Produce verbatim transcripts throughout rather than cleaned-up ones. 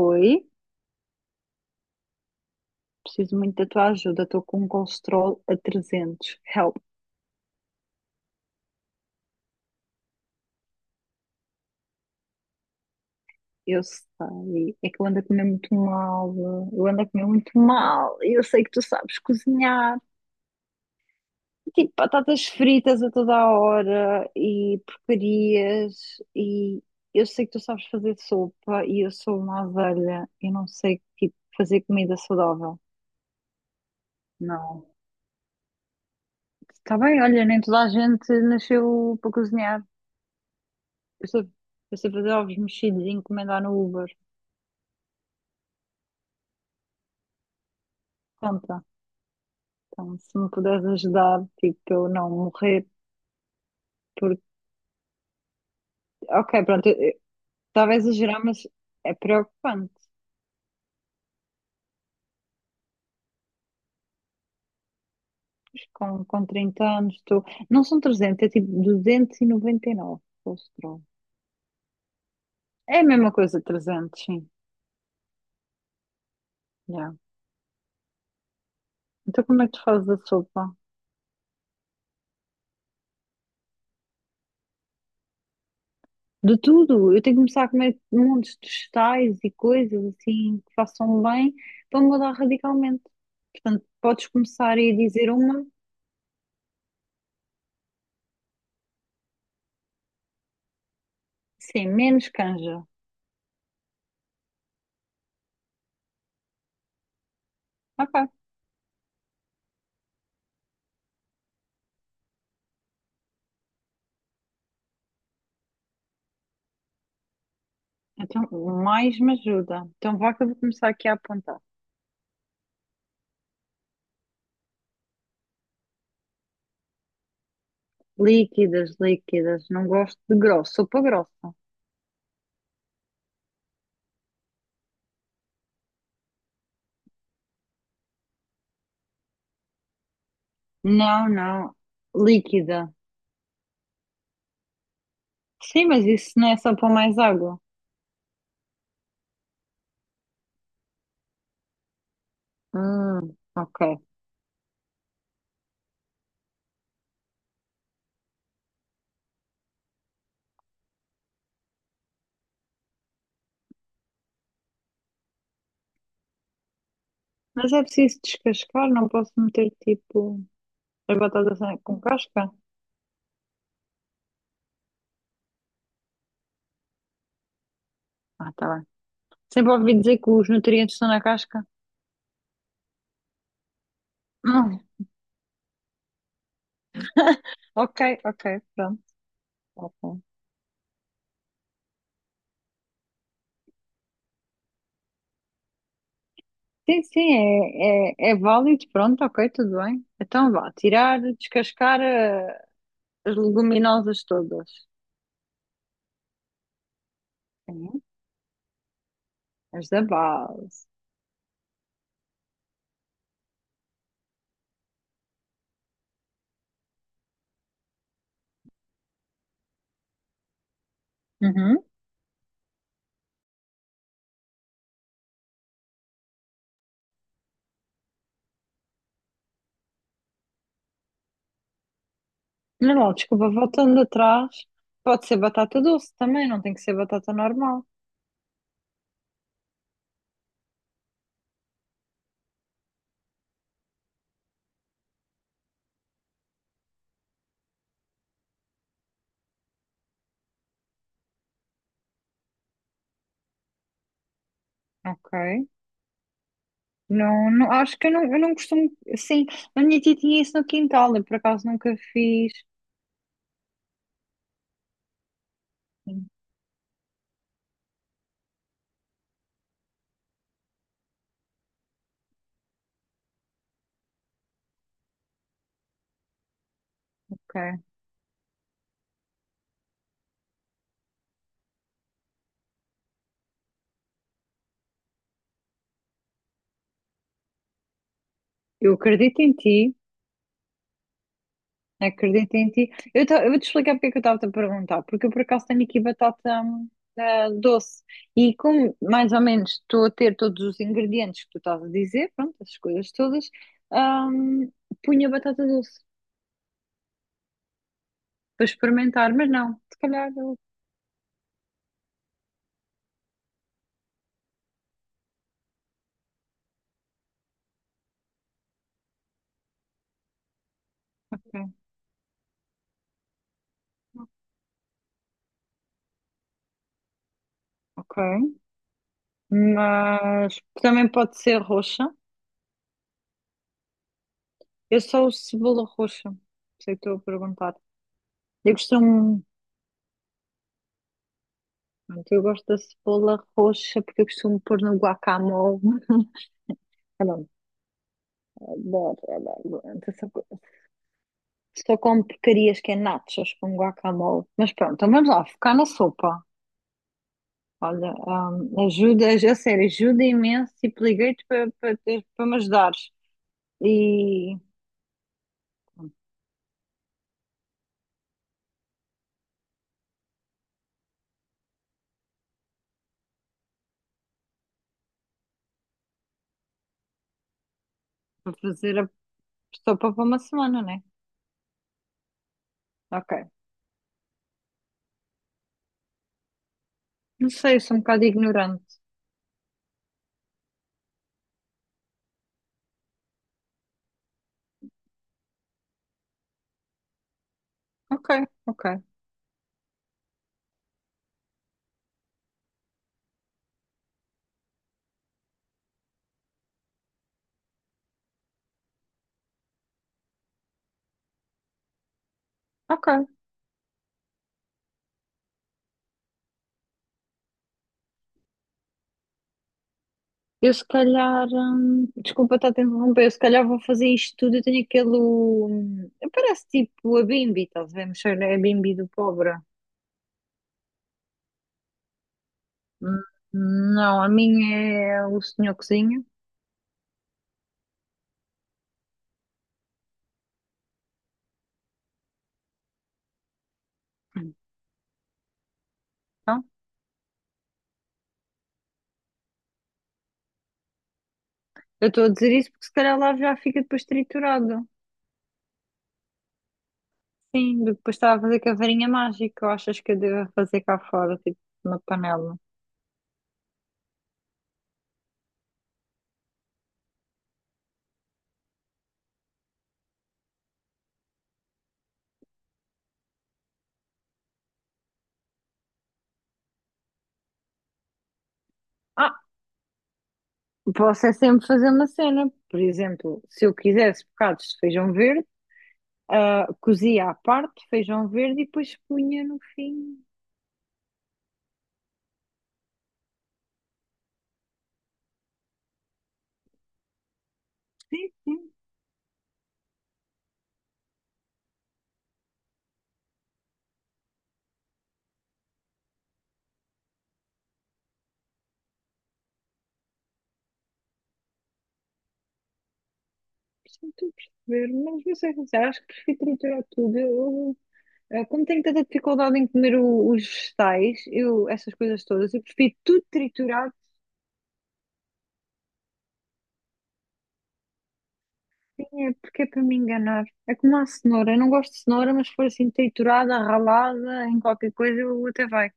Oi, preciso muito da tua ajuda. Estou com um colesterol a trezentos. Help, eu sei. É que eu ando a comer muito mal. Eu ando a comer muito mal. E eu sei que tu sabes cozinhar. Tipo, batatas fritas a toda a hora e porcarias. E eu sei que tu sabes fazer sopa e eu sou uma azelha. Eu não sei, tipo, fazer comida saudável. Não. Está bem, olha, nem toda a gente nasceu para cozinhar. Eu sei, eu sei fazer ovos mexidos e encomendar no Uber. Pronto, então se me puderes ajudar, tipo, para eu não morrer, porque, ok, pronto, eu- eu- estava a exagerar, mas é preocupante. Pois com, com trinta anos, estou, não são trezentos, é tipo duzentos e e noventa e nove colesterol, é a mesma coisa, trezentos, sim, yeah. Então como é que tu fazes a sopa? De tudo, eu tenho que começar a comer montes de vegetais e coisas assim que façam bem para mudar radicalmente, portanto, podes começar a dizer uma, sim, menos canja, ok. Então, mais me ajuda. Então, vá, que eu vou começar aqui a apontar. Líquidas, líquidas. Não gosto de grosso. Sopa grossa. Não, não. Líquida. Sim, mas isso não é só para mais água. Hum, ok. Mas é preciso descascar, não posso meter tipo as batatas sem- com casca? Ah, tá bem. Sempre ouvi dizer que os nutrientes estão na casca. Hum. Ok, ok, pronto. Ok. Sim, sim, é, é, é válido, pronto, ok, tudo bem. Então vá, tirar, descascar eh, as leguminosas todas, sim, as da base. Uhum. Não, não, desculpa, voltando atrás, pode ser batata doce também, não tem que ser batata normal, ok? Não, não, acho que eu não, eu não costumo, sim, a minha tia tinha isso no quintal, eu por acaso nunca fiz, ok? Eu acredito em ti, acredito em ti. Eu, ta- eu vou te explicar porque é que eu estava-te a perguntar, porque eu por acaso tenho aqui batata hum, ah, doce, e como mais ou menos estou a ter todos os ingredientes que tu estás a dizer, pronto, as coisas todas, hum, punha batata doce para experimentar, mas não, se calhar eu- ok. Ok. Mas também pode ser roxa. Eu só uso cebola roxa, sei que estou a perguntar. Eu costumo, pronto, eu gosto da cebola roxa porque eu costumo pôr no guacamole. Adoro, adoro, adoro. Só, só como porcarias, que é nachos com guacamole. Mas pronto, então vamos lá, focar na sopa. Olha, hum, ajuda, a sério, ajuda imenso. Tipo, liguei-te para para ter- para me ajudares. E pronto, para fazer a sopa para uma semana, né? Ok. Não sei, eu sou um bocado ignorante. Ok, ok, ok. Eu se calhar, hum, desculpa estar a te interromper, eu se calhar vou fazer isto tudo. Eu tenho aquele, hum, parece tipo a Bimbi, estás a ver? Mexer a Bimbi do pobre. Hum, Não, a minha é o senhor cozinha. Então, eu estou a dizer isso porque se calhar lá já fica depois triturado. Sim, depois estava a fazer com a varinha mágica. Ou achas que eu devo fazer cá fora, tipo, uma panela? Ah, posso é sempre fazer uma cena. Por exemplo, se eu quisesse bocados de feijão verde, ah, cozia à parte feijão verde e depois punha no fim. Sim, sim, sim, estou a perceber. Mas vou ser sincera, acho que prefiro triturar tudo. Eu, Eh, Como tenho tanta dificuldade em comer o- os vegetais, eu, essas coisas todas, eu prefiro tudo triturado, sim, é porque é para me enganar. É como a cenoura, eu não gosto de cenoura, mas se for assim triturada, ralada, em qualquer coisa, eu até vai.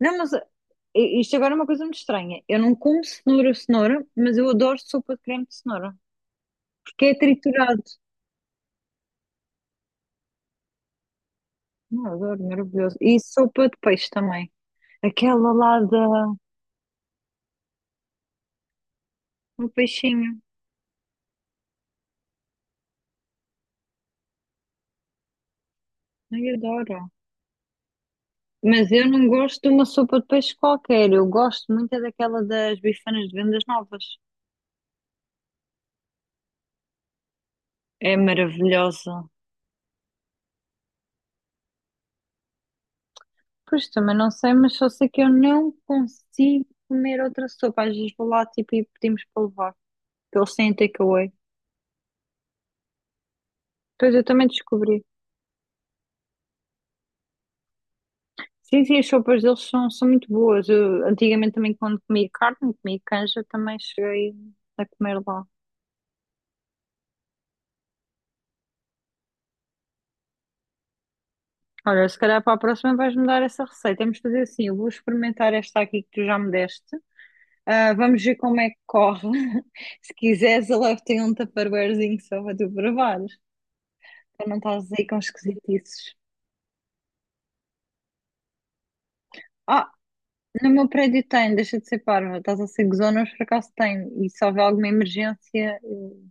Não, mas eh, isto agora é uma coisa muito estranha. Eu não como cenoura, cenoura, mas eu adoro sopa de creme de cenoura, porque é triturado. Não, eu adoro, maravilhoso. E sopa de peixe também. Aquela lá da, do peixinho, ai, adoro. Mas eu não gosto de uma sopa de peixe qualquer. Eu gosto muito é daquela das bifanas de Vendas Novas. É maravilhosa. Pois também não sei, mas só sei que eu não consigo comer outra sopa. Às vezes vou lá tipo, e pedimos para levar, porque eles têm takeaway. Pois eu também descobri. Sim, sim, as sopas deles são, são muito boas. Eu, antigamente, também quando comia carne, comia canja, também cheguei a comer lá. Olha, se calhar para a próxima vais-me dar essa receita. Vamos fazer assim, eu vou experimentar esta aqui que tu já me deste. Ah, vamos ver como é que corre. Se quiseres, eu levo-te aí um tupperwarezinho só para tu provares. Para não estás aí com esquisitices. Ah, no meu prédio tem, deixa de ser parva. Estás a ser gozona, mas por acaso tem. E se houver alguma emergência, eu-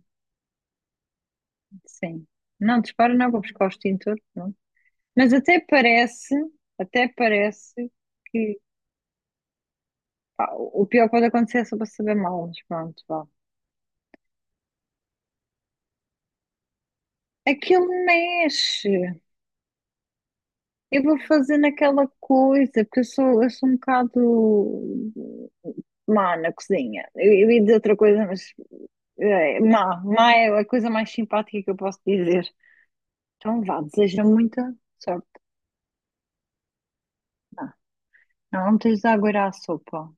sim. Não, dispara não, vou buscar o extintor. Não. Mas até parece, até parece que, pá, o pior que pode acontecer é só para saber mal. Mas pronto, vá. Aquilo mexe. Eu vou fazer naquela coisa, porque eu sou, eu sou um bocado má na cozinha. Eu, eu ia dizer outra coisa, mas é, má, má é a coisa mais simpática que eu posso dizer. Então vá, desejo muita sorte. Não, não, não tens de aguardar a sopa.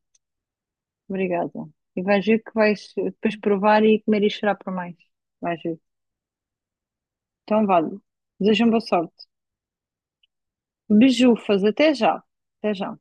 Obrigada. E vais ver que vais depois provar e comer e chorar por mais. Vais ver. Então vá, desejo boa sorte. Beijufas, até já. Até já.